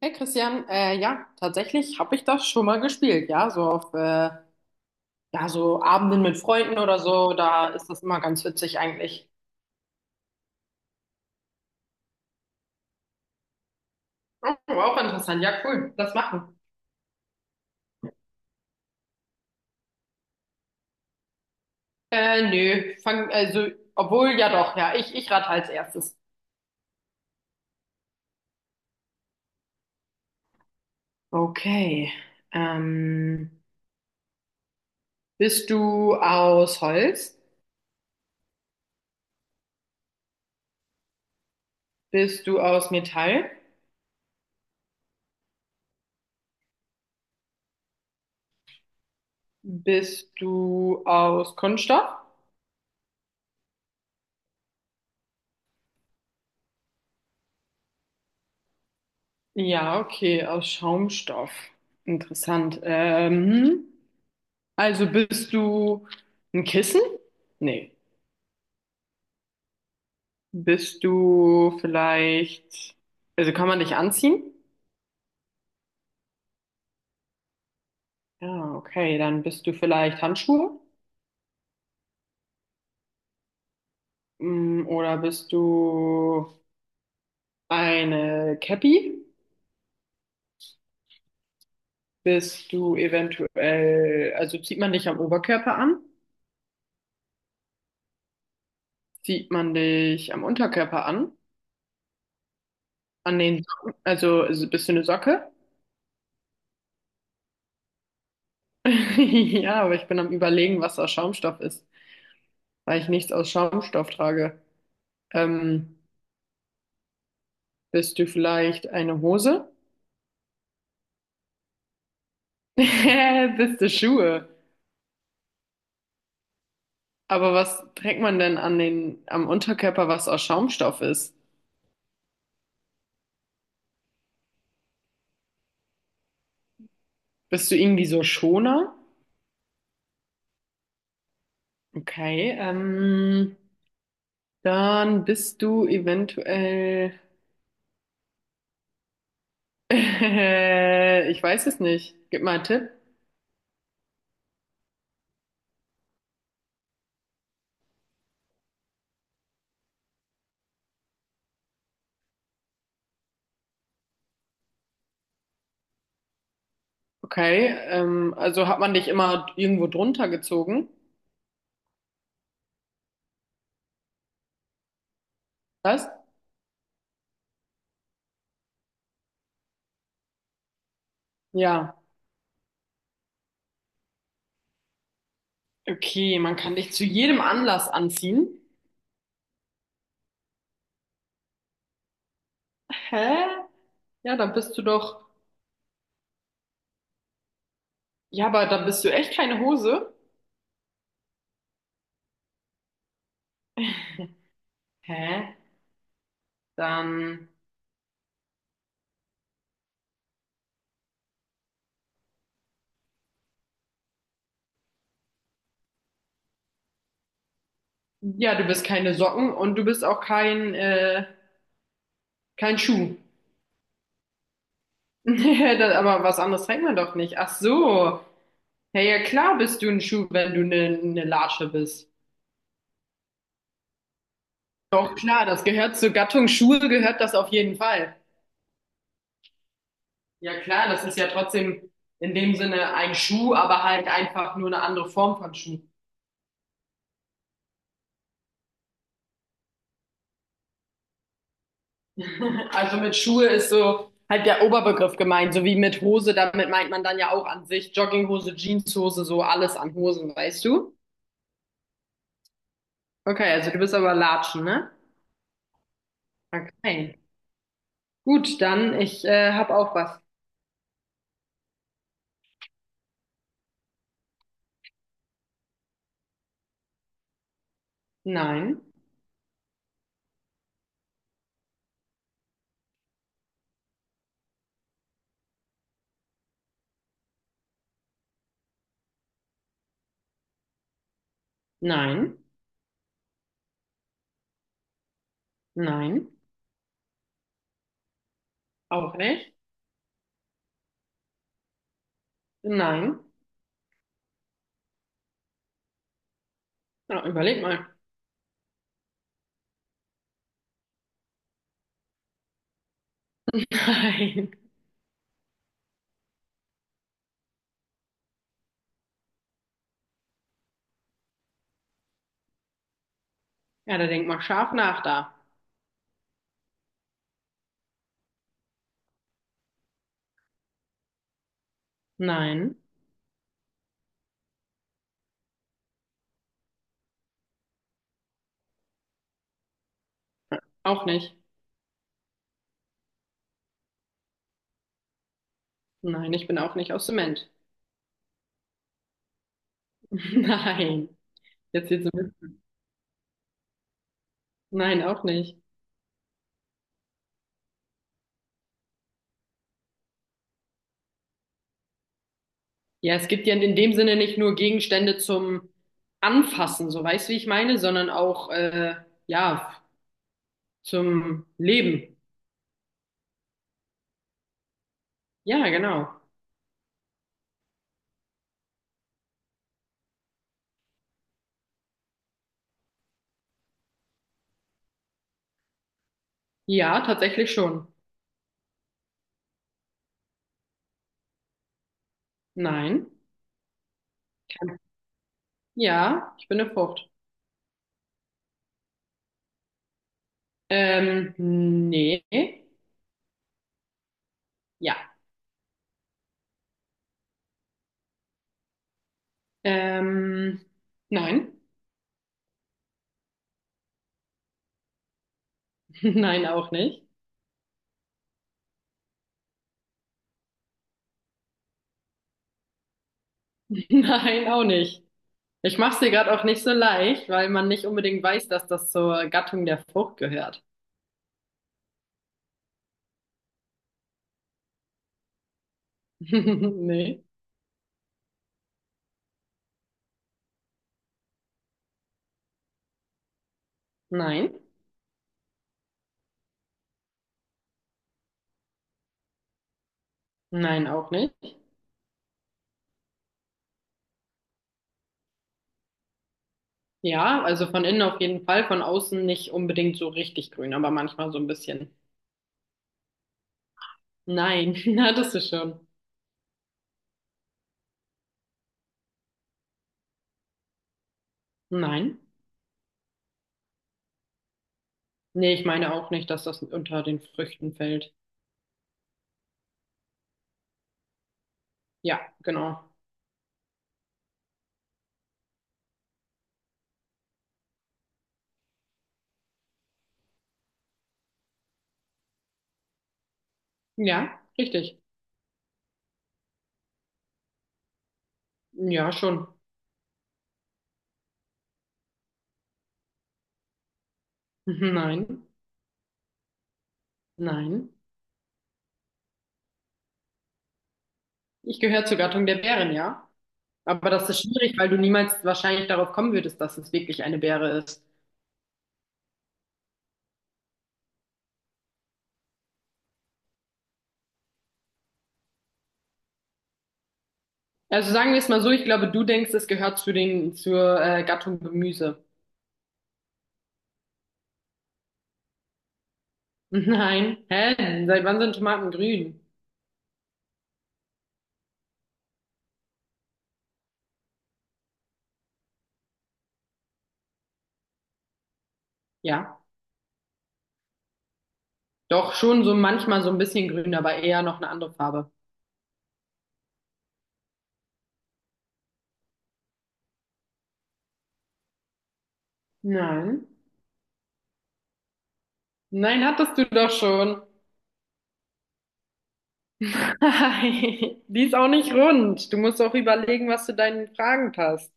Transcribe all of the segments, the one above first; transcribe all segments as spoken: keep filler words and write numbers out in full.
Hey Christian, äh, ja, tatsächlich habe ich das schon mal gespielt, ja, so auf äh, ja, so Abenden mit Freunden oder so, da ist das immer ganz witzig eigentlich. Aber auch interessant, ja, cool, das machen. Äh, nö, fang, also, obwohl, ja doch, ja, ich, ich rate als erstes. Okay, ähm, bist du aus Holz? Bist du aus Metall? Bist du aus Kunststoff? Ja, okay, aus Schaumstoff. Interessant. Ähm, Also bist du ein Kissen? Nee. Bist du vielleicht, also kann man dich anziehen? Ja, okay, dann bist du vielleicht Handschuhe? Mm, Oder bist du eine Cappy? Bist du eventuell, also zieht man dich am Oberkörper an? Zieht man dich am Unterkörper an? An den Socken? Also also bist du eine Socke? Ja, aber ich bin am Überlegen, was aus Schaumstoff ist, weil ich nichts aus Schaumstoff trage. Ähm, Bist du vielleicht eine Hose? Bist du Schuhe? Aber was trägt man denn an den, am Unterkörper, was aus Schaumstoff ist? Bist du irgendwie so Schoner? Okay, ähm, dann bist du eventuell. Ich weiß es nicht. Gib mal einen Tipp. Okay, ähm, also hat man dich immer irgendwo drunter gezogen? Was? Ja. Okay, man kann dich zu jedem Anlass anziehen. Hä? Ja, dann bist du doch. Ja, aber dann bist du echt keine Hose. Hä? Dann. Ja, du bist keine Socken und du bist auch kein, äh, kein Schuh. Das- Aber was anderes trägt man doch nicht. Ach so. Ja, ja, klar bist du ein Schuh, wenn du eine, eine Latsche bist. Doch, klar, das gehört zur Gattung Schuhe, gehört das auf jeden Fall. Ja, klar, das ist ja trotzdem in dem Sinne ein Schuh, aber halt einfach nur eine andere Form von Schuh. Also mit Schuhe ist so halt der Oberbegriff gemeint, so wie mit Hose, damit meint man dann ja auch an sich Jogginghose, Jeanshose, so alles an Hosen, weißt du? Okay, also du bist aber Latschen, ne? Okay. Gut, dann ich äh, hab auch was. Nein, nein, nein, auch nicht. Nein. Ja, überleg mal. Nein. Ja, da denk mal scharf nach da. Nein, auch nicht. Nein, ich bin auch nicht aus Zement. Nein. Jetzt jetzt Nein, auch nicht. Ja, es gibt ja in dem Sinne nicht nur Gegenstände zum Anfassen, so weißt du, wie ich meine, sondern auch äh, ja zum Leben. Ja, genau. Ja, tatsächlich schon. Nein. Kein- Ja, ich bin eine Frucht. Ähm, nee. Ja. Ähm, nein. Nein, auch nicht. Nein, auch nicht. Ich mach's dir gerade auch nicht so leicht, weil man nicht unbedingt weiß, dass das zur Gattung der Frucht gehört. Nee. Nein. Nein, auch nicht. Ja, also von innen auf jeden Fall, von außen nicht unbedingt so richtig grün, aber manchmal so ein bisschen. Nein, na, das ist schon. Nein. Nee, ich meine auch nicht, dass das unter den Früchten fällt. Ja, genau. Ja, richtig. Ja, schon. Nein, nein. Ich gehöre zur Gattung der Bären, ja. Aber das ist schwierig, weil du niemals wahrscheinlich darauf kommen würdest, dass es wirklich eine Beere ist. Also sagen wir es mal so, ich glaube, du denkst, es gehört zu den, zur äh, Gattung Gemüse. Nein. Hä? Seit wann sind Tomaten grün? Ja, doch schon so manchmal so ein bisschen grün, aber eher noch eine andere Farbe. Nein. Nein, hattest du doch schon. Die ist auch nicht rund. Du musst auch überlegen, was zu deinen Fragen passt.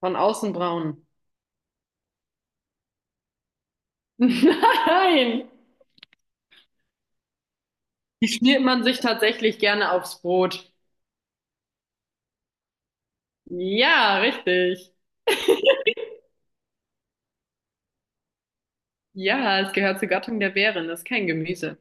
Von außen braun. Nein, die schmiert man sich tatsächlich gerne aufs Brot. Ja, richtig. Ja, es gehört zur Gattung der Beeren. Das ist kein Gemüse.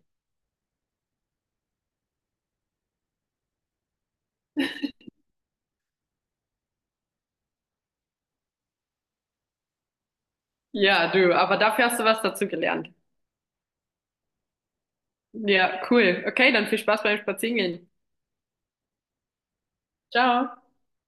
Ja, du, aber dafür hast du was dazu gelernt. Ja, cool. Okay, dann viel Spaß beim Spazierengehen. Ciao.